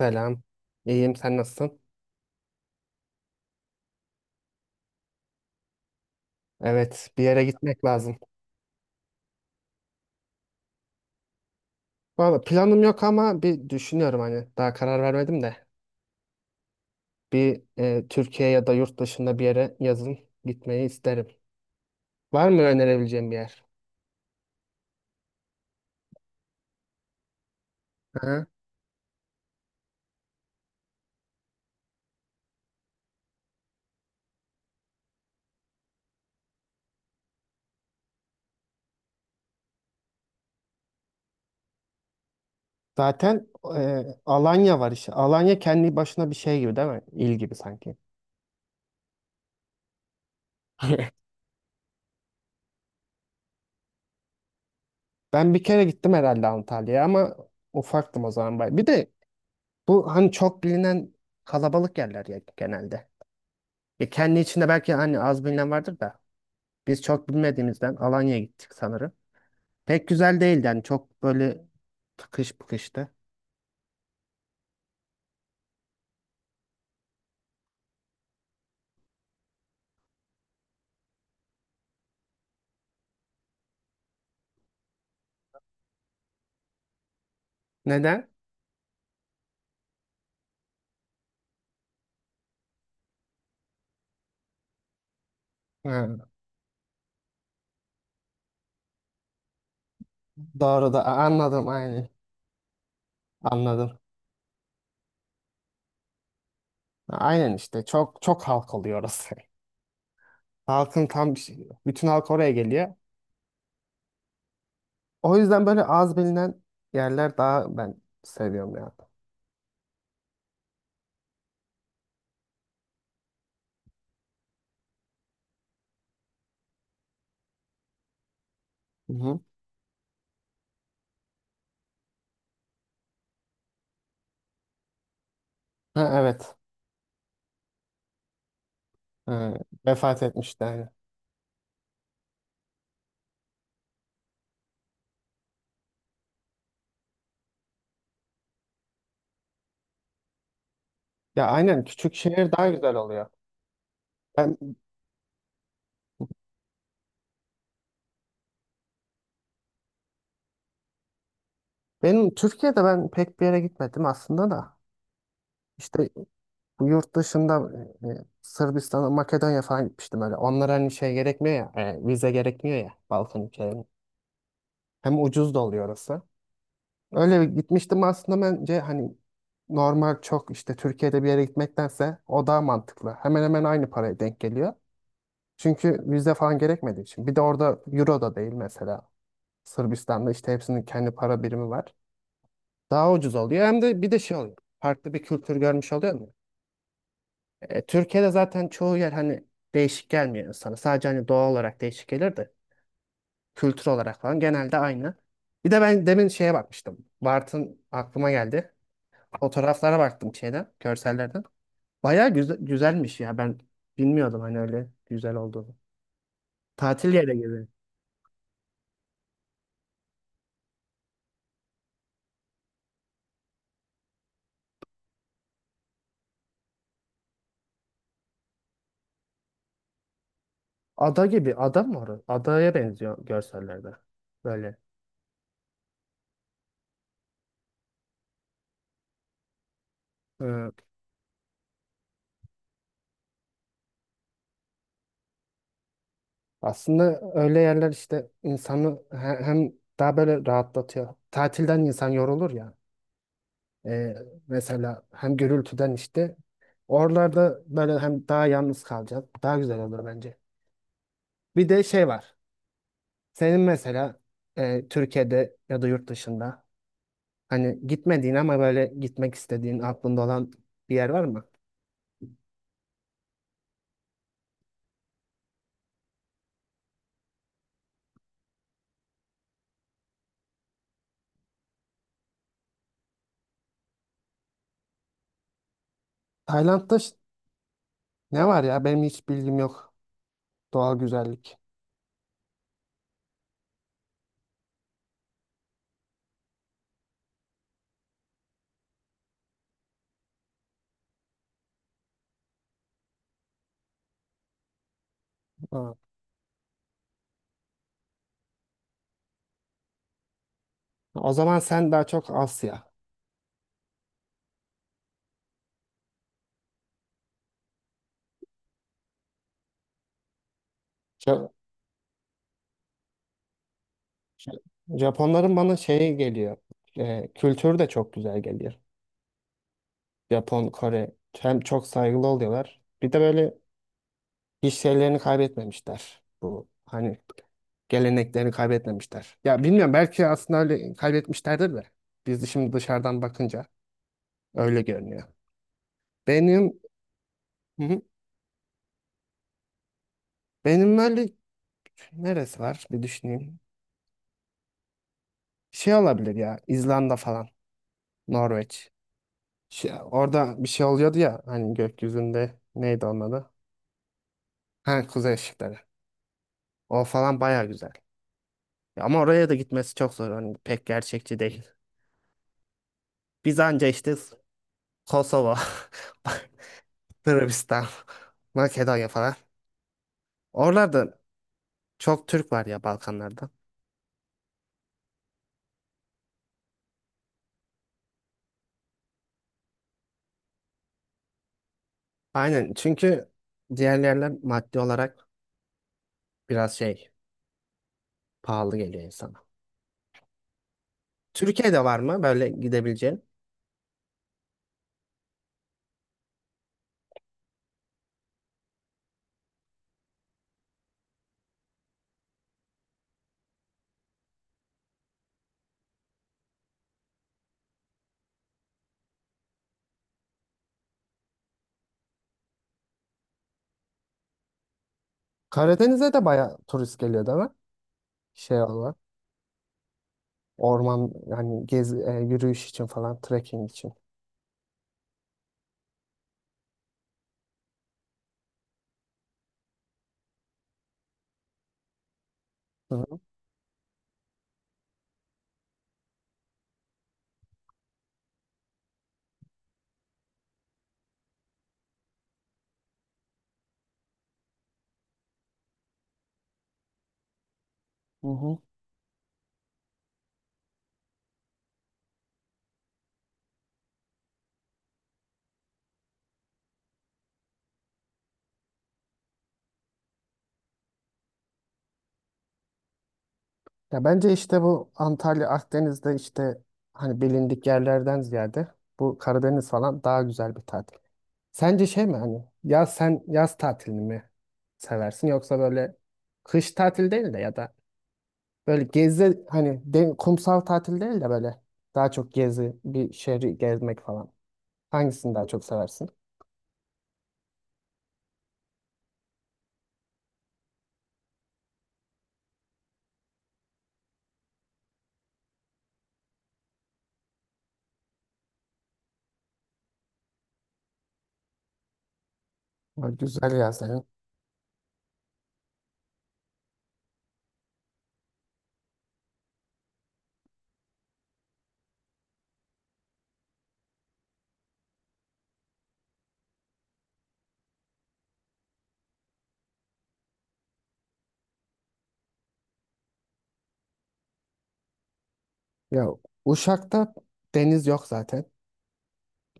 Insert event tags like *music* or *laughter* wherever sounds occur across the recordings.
Selam. İyiyim, sen nasılsın? Evet, bir yere gitmek lazım. Valla planım yok ama bir düşünüyorum hani daha karar vermedim de. Türkiye ya da yurt dışında bir yere yazın gitmeyi isterim. Var mı önerebileceğim bir yer? Hı. Zaten Alanya var işte. Alanya kendi başına bir şey gibi değil mi? İl gibi sanki. *laughs* Ben bir kere gittim herhalde Antalya'ya ama ufaktım o zaman. Bir de bu hani çok bilinen kalabalık yerler ya genelde. Kendi içinde belki hani az bilinen vardır da. Biz çok bilmediğimizden Alanya'ya gittik sanırım. Pek güzel değildi yani çok böyle tıkış bıkıştı. Neden? Ha, doğru da anladım aynen. Anladım. Aynen işte çok çok halk oluyor orası. *laughs* Halkın tam bütün halk oraya geliyor. O yüzden böyle az bilinen yerler daha ben seviyorum ya. Hı hı. Ha, evet. Ha, vefat etmişti yani. Ya aynen küçük şehir daha güzel oluyor. Ben, benim Türkiye'de ben pek bir yere gitmedim aslında da. İşte bu yurt dışında Sırbistan'a, Makedonya falan gitmiştim öyle. Onlara hani şey gerekmiyor ya, vize gerekmiyor ya Balkan ülkelerine. Hem ucuz da oluyor orası. Öyle bir gitmiştim aslında bence hani normal çok işte Türkiye'de bir yere gitmektense o daha mantıklı. Hemen hemen aynı paraya denk geliyor. Çünkü vize falan gerekmediği için. Bir de orada euro da değil mesela. Sırbistan'da işte hepsinin kendi para birimi var. Daha ucuz oluyor. Hem de bir de şey oluyor. Farklı bir kültür görmüş oluyor. Türkiye'de zaten çoğu yer hani değişik gelmiyor insana. Sadece hani doğa olarak değişik gelir de kültür olarak falan genelde aynı. Bir de ben demin şeye bakmıştım. Bartın aklıma geldi. Fotoğraflara baktım şeyden, görsellerden. Bayağı güzelmiş ya. Ben bilmiyordum hani öyle güzel olduğunu. Tatil yeri gibi. Ada gibi. Ada mı orası? Adaya benziyor görsellerde. Böyle. e, aslında öyle yerler işte insanı hem daha böyle rahatlatıyor. Tatilden insan yorulur ya. Ee, mesela hem gürültüden işte oralarda böyle hem daha yalnız kalacağız. Daha güzel olur bence. Bir de şey var. Senin mesela Türkiye'de ya da yurt dışında hani gitmediğin ama böyle gitmek istediğin aklında olan bir yer var mı? Tayland'da ne var ya? Benim hiç bilgim yok. Doğal güzellik. Aa. O zaman sen daha çok Asya. Ja- Ja- Japonların bana şeyi geliyor. Kültürü de çok güzel geliyor. Japon, Kore. Hem çok saygılı oluyorlar. Bir de böyle hiç şeylerini kaybetmemişler. Bu hani geleneklerini kaybetmemişler. Ya bilmiyorum belki aslında öyle kaybetmişlerdir de. Biz şimdi dışarıdan bakınca öyle görünüyor. Benim Hı hı. Benim böyle neresi var, bir düşüneyim. Şey olabilir ya İzlanda falan. Norveç. Şey, orada bir şey oluyordu ya hani gökyüzünde neydi onun adı? Ha, kuzey ışıkları. O falan baya güzel. Ya, ama oraya da gitmesi çok zor. Hani pek gerçekçi değil. Biz anca işte Kosova, *laughs* Sırbistan, Makedonya falan. Oralarda çok Türk var ya Balkanlarda. Aynen çünkü diğer yerler maddi olarak biraz şey pahalı geliyor insana. Türkiye'de var mı böyle gidebileceğin? Karadeniz'e de baya turist geliyor değil mi? Şey olarak. Orman yani yürüyüş için falan trekking için. Hı hı. Hı hı. Ya bence işte bu Antalya Akdeniz'de işte hani bilindik yerlerden ziyade bu Karadeniz falan daha güzel bir tatil. Sence şey mi hani ya sen yaz tatilini mi seversin yoksa böyle kış tatil değil de ya da böyle gezi hani kumsal tatil değil de böyle daha çok gezi bir şehri gezmek falan. Hangisini daha çok seversin? Böyle güzel yaz Ya Uşak'ta deniz yok zaten.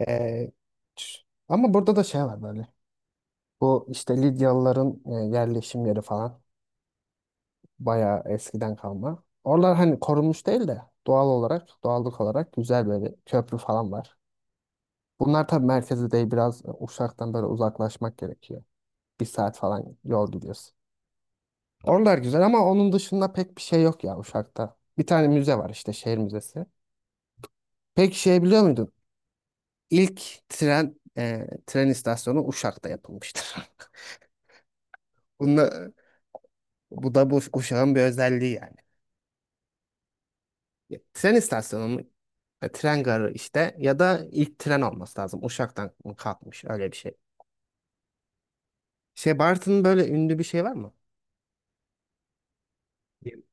Ee, ç- ama burada da şey var böyle. Bu işte Lidyalıların yerleşim yeri falan. Bayağı eskiden kalma. Oralar hani korunmuş değil de doğal olarak, doğallık olarak güzel böyle köprü falan var. Bunlar tabii merkezi değil, biraz Uşak'tan böyle uzaklaşmak gerekiyor. Bir saat falan yol gidiyorsun. Oralar güzel ama onun dışında pek bir şey yok ya Uşak'ta. Bir tane müze var işte şehir müzesi. Peki şey biliyor muydun? İlk tren istasyonu Uşak'ta yapılmıştır. *laughs* Bunla, bu da bu Uşak'ın bir özelliği yani. Ya, tren istasyonu mu? Ya, tren garı işte ya da ilk tren olması lazım. Uşak'tan mı kalkmış öyle bir şey. Şey Bartın'ın böyle ünlü bir şey var mı? Yem-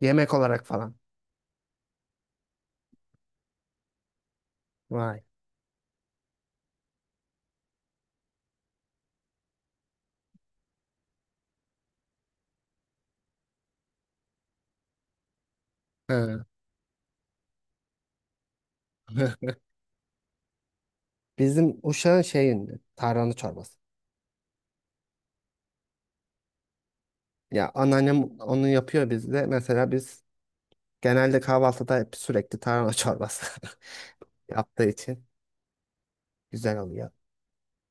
Yemek olarak falan. Vay. He. *laughs* Bizim Uşak'ın şey ünlü. Tarhana çorbası. Ya anneannem onu yapıyor bizde. Mesela biz genelde kahvaltıda hep sürekli tarhana çorbası *laughs* yaptığı için güzel oluyor.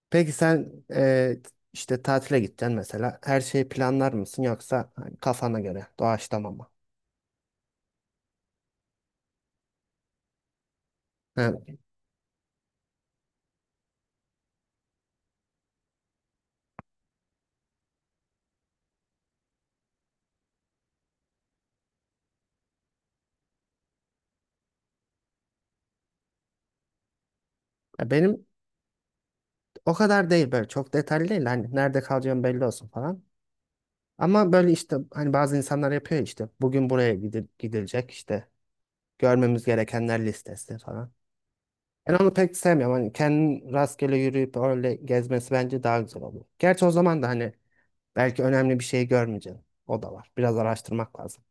Peki sen işte tatile gideceksin mesela. Her şeyi planlar mısın yoksa hani kafana göre doğaçlama mı? Ha, ya benim o kadar değil böyle çok detaylı değil. Hani nerede kalacağım belli olsun falan. Ama böyle işte hani bazı insanlar yapıyor ya işte bugün buraya gidilecek işte görmemiz gerekenler listesi falan. Ben onu pek sevmiyorum. Hani kendin rastgele yürüyüp öyle gezmesi bence daha güzel oluyor. Gerçi o zaman da hani belki önemli bir şey görmeyeceksin. O da var. Biraz araştırmak lazım.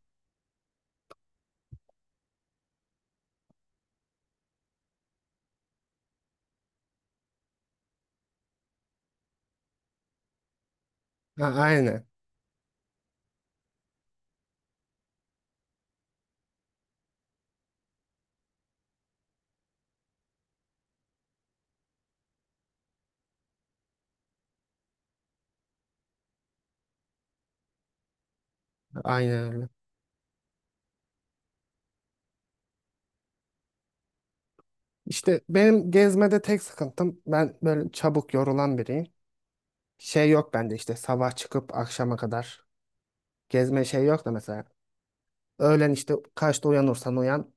Ha, aynen. Aynen öyle. İşte benim gezmede tek sıkıntım, ben böyle çabuk yorulan biriyim. Şey yok bende işte sabah çıkıp akşama kadar gezme şey yok da mesela. Öğlen işte kaçta uyanırsan uyan,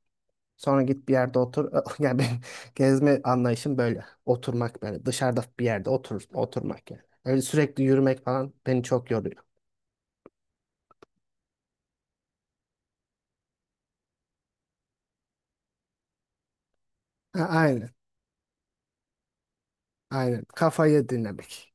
sonra git bir yerde otur. *laughs* Yani benim gezme anlayışım böyle oturmak, böyle dışarıda bir yerde otur, oturmak yani. Öyle sürekli yürümek falan beni çok yoruyor. Ha, aynen aynen, kafayı dinlemek.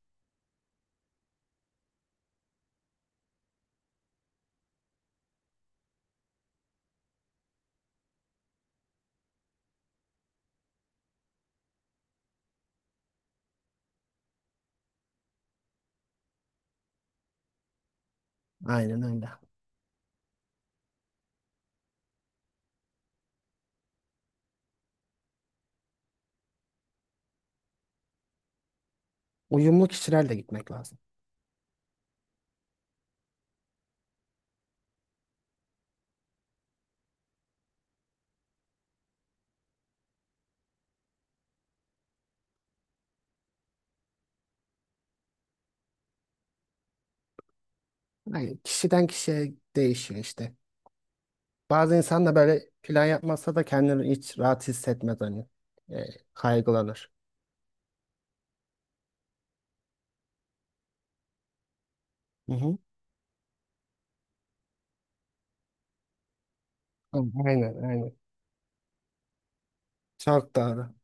Aynen öyle. Uyumlu kişilerle gitmek lazım. Yani kişiden kişiye değişiyor işte. Bazı insan da böyle plan yapmazsa da kendini hiç rahat hissetmez hani. E, kaygılanır. Hı hı. Aynen aynen. Çok doğru.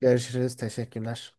Görüşürüz. Teşekkürler.